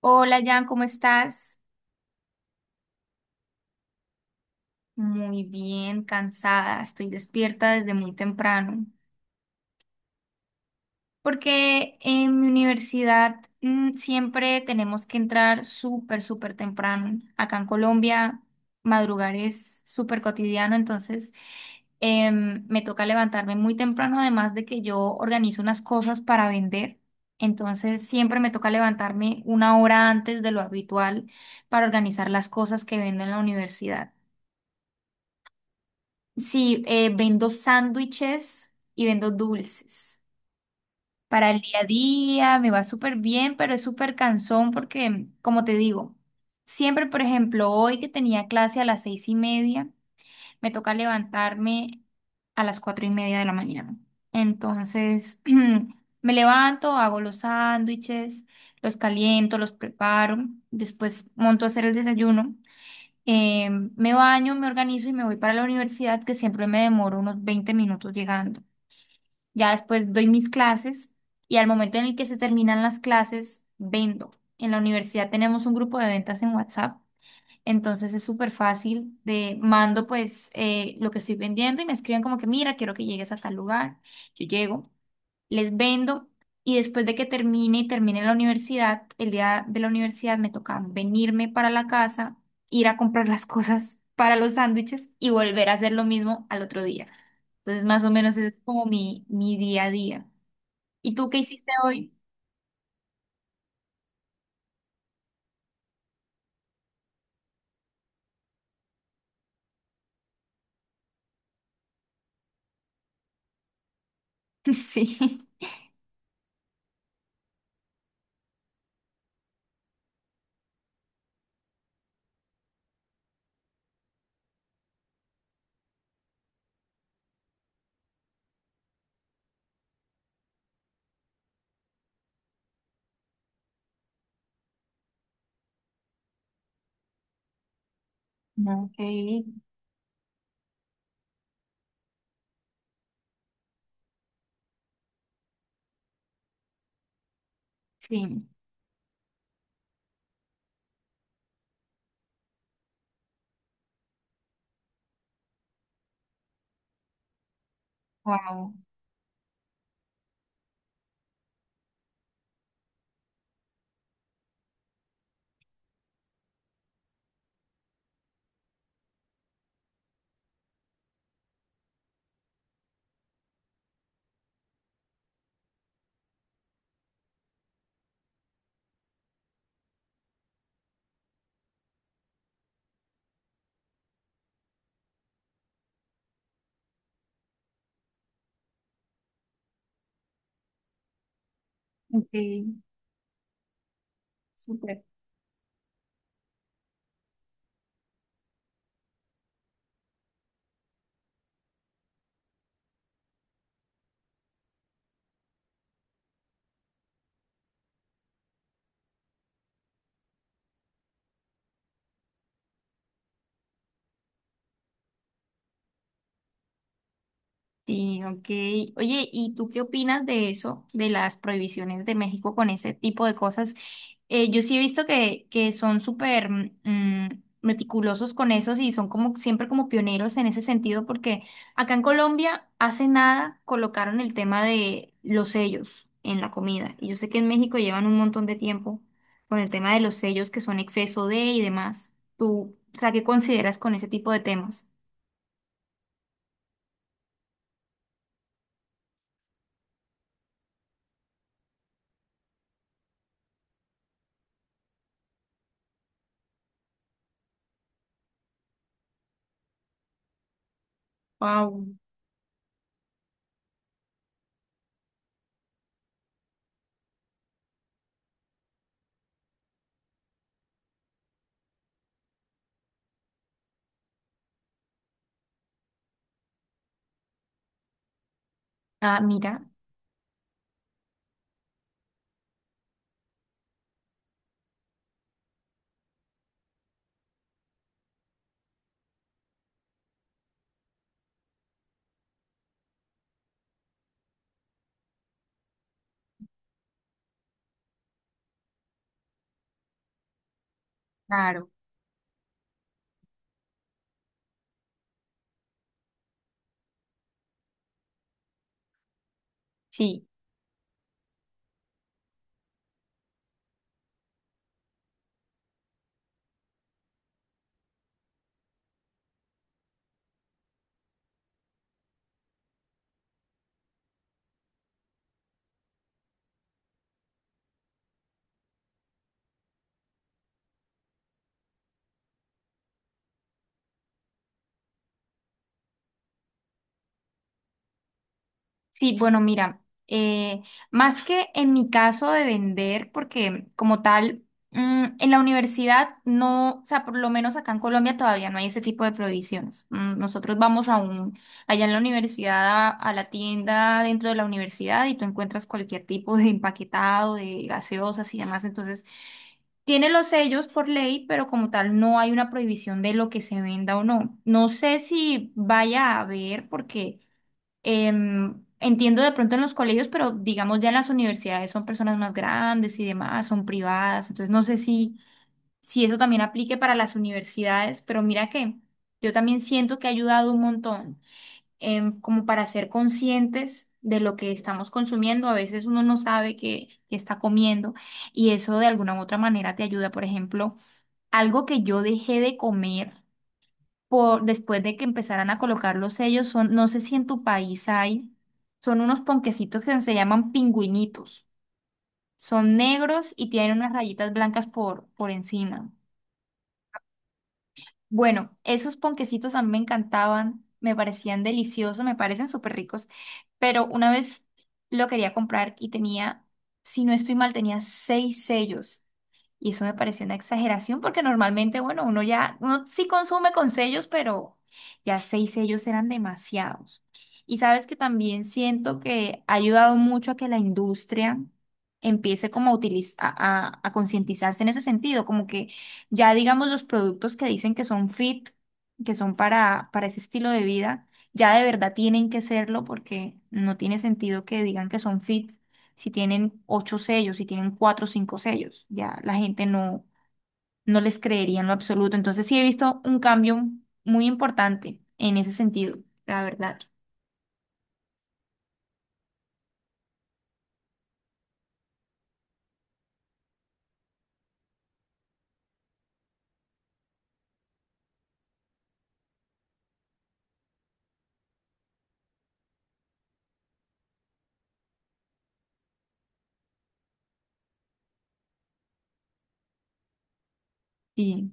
Hola Jan, ¿cómo estás? Muy bien, cansada, estoy despierta desde muy temprano, porque en mi universidad siempre tenemos que entrar súper, súper temprano. Acá en Colombia, madrugar es súper cotidiano, entonces me toca levantarme muy temprano, además de que yo organizo unas cosas para vender, entonces siempre me toca levantarme una hora antes de lo habitual para organizar las cosas que vendo en la universidad. Sí, vendo sándwiches y vendo dulces. Para el día a día me va súper bien, pero es súper cansón porque, como te digo, siempre, por ejemplo, hoy que tenía clase a las 6:30, me toca levantarme a las 4:30 de la mañana. Entonces, me levanto, hago los sándwiches, los caliento, los preparo, después monto a hacer el desayuno. Eh, me baño, me organizo y me voy para la universidad, que siempre me demoro unos 20 minutos llegando. Ya después doy mis clases y al momento en el que se terminan las clases, vendo. En la universidad tenemos un grupo de ventas en WhatsApp, entonces es súper fácil, de mando pues lo que estoy vendiendo y me escriben como que mira, quiero que llegues a tal lugar. Yo llego, les vendo y después de que termine y termine la universidad, el día de la universidad me toca venirme para la casa, ir a comprar las cosas para los sándwiches y volver a hacer lo mismo al otro día. Entonces más o menos ese es como mi día a día. ¿Y tú qué hiciste hoy? Sí. Ok. Sí. Wow. Ok, súper. Sí, ok. Oye, ¿y tú qué opinas de eso, de las prohibiciones de México con ese tipo de cosas? Yo sí he visto que son súper meticulosos con eso y son como siempre como pioneros en ese sentido, porque acá en Colombia hace nada colocaron el tema de los sellos en la comida. Y yo sé que en México llevan un montón de tiempo con el tema de los sellos que son exceso de y demás. ¿Tú, o sea, qué consideras con ese tipo de temas? Wow. Ah, mira, claro. Sí, sí, bueno, mira, eh, más que en mi caso de vender, porque como tal, en la universidad no, o sea, por lo menos acá en Colombia todavía no hay ese tipo de prohibiciones. Mm, nosotros vamos a un, allá en la universidad, a la tienda dentro de la universidad y tú encuentras cualquier tipo de empaquetado, de gaseosas y demás. Entonces, tiene los sellos por ley, pero como tal no hay una prohibición de lo que se venda o no. No sé si vaya a haber, porque... entiendo de pronto en los colegios, pero digamos ya en las universidades son personas más grandes y demás, son privadas, entonces no sé si, si eso también aplique para las universidades, pero mira que yo también siento que ha ayudado un montón, como para ser conscientes de lo que estamos consumiendo, a veces uno no sabe que está comiendo y eso de alguna u otra manera te ayuda, por ejemplo, algo que yo dejé de comer por, después de que empezaran a colocar los sellos, son, no sé si en tu país hay, son unos ponquecitos que se llaman pingüinitos. Son negros y tienen unas rayitas blancas por encima. Bueno, esos ponquecitos a mí me encantaban, me parecían deliciosos, me parecen súper ricos, pero una vez lo quería comprar y tenía, si no estoy mal, tenía 6 sellos. Y eso me pareció una exageración porque normalmente, bueno, uno ya, uno sí consume con sellos, pero ya 6 sellos eran demasiados. Y sabes que también siento que ha ayudado mucho a que la industria empiece como a, a, a concientizarse en ese sentido, como que ya digamos los productos que dicen que son fit, que son para ese estilo de vida, ya de verdad tienen que serlo porque no tiene sentido que digan que son fit si tienen 8 sellos, si tienen cuatro o cinco sellos. Ya la gente no, no les creería en lo absoluto. Entonces sí he visto un cambio muy importante en ese sentido, la verdad. Sí,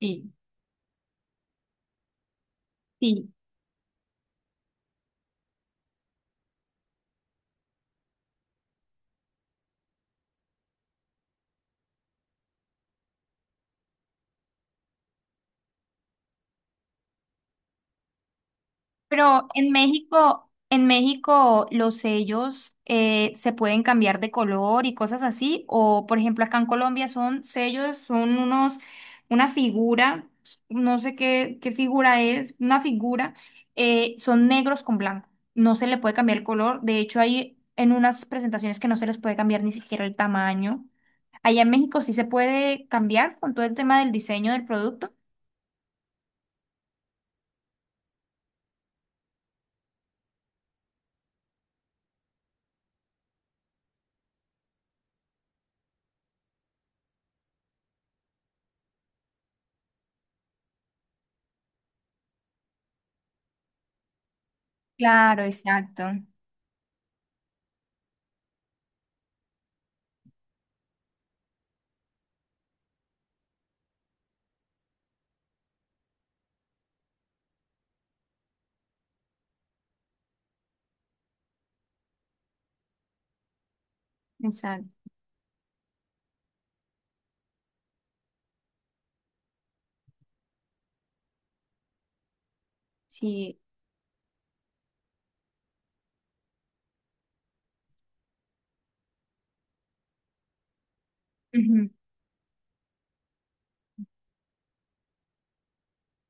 sí, sí. Pero en México los sellos se pueden cambiar de color y cosas así. O por ejemplo acá en Colombia son sellos, son unos, una figura, no sé qué, qué figura es, una figura, son negros con blanco. No se le puede cambiar el color. De hecho, hay en unas presentaciones que no se les puede cambiar ni siquiera el tamaño. Allá en México sí se puede cambiar con todo el tema del diseño del producto. Claro, exacto, exacto. Sí.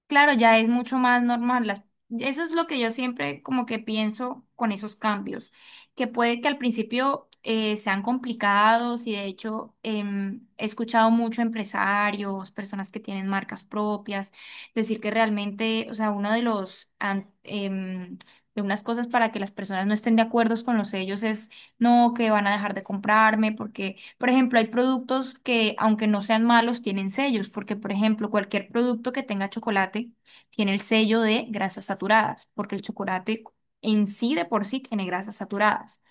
Claro, ya es mucho más normal. Eso es lo que yo siempre como que pienso con esos cambios, que puede que al principio sean complicados y de hecho he escuchado mucho empresarios, personas que tienen marcas propias, decir que realmente, o sea, uno de los, de unas cosas para que las personas no estén de acuerdo con los sellos es, no, que van a dejar de comprarme porque por ejemplo, hay productos que, aunque no sean malos, tienen sellos, porque, por ejemplo, cualquier producto que tenga chocolate tiene el sello de grasas saturadas, porque el chocolate en sí de por sí tiene grasas saturadas.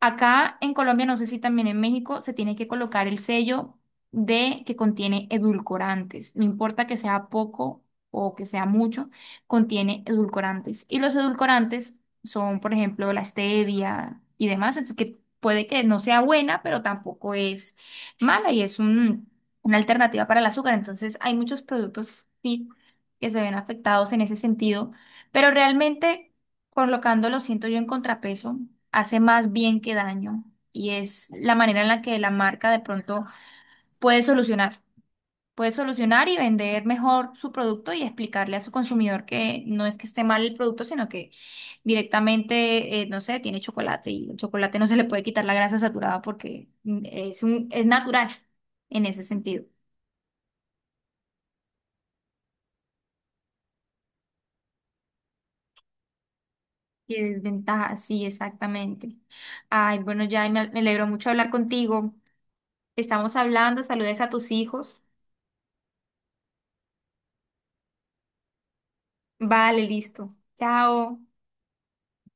Acá en Colombia, no sé si también en México, se tiene que colocar el sello de que contiene edulcorantes. No importa que sea poco o que sea mucho, contiene edulcorantes. Y los edulcorantes son, por ejemplo, la stevia y demás, entonces que puede que no sea buena, pero tampoco es mala y es una alternativa para el azúcar. Entonces, hay muchos productos fit que se ven afectados en ese sentido, pero realmente colocando Colocándolo, siento yo, en contrapeso, hace más bien que daño y es la manera en la que la marca de pronto puede solucionar, puede solucionar y vender mejor su producto y explicarle a su consumidor que no es que esté mal el producto, sino que directamente, no sé, tiene chocolate y el chocolate no se le puede quitar la grasa saturada porque es un, es natural en ese sentido. Y desventaja, sí, exactamente. Ay, bueno, ya me alegro mucho hablar contigo. Estamos hablando, saludes a tus hijos. Vale, listo. Chao.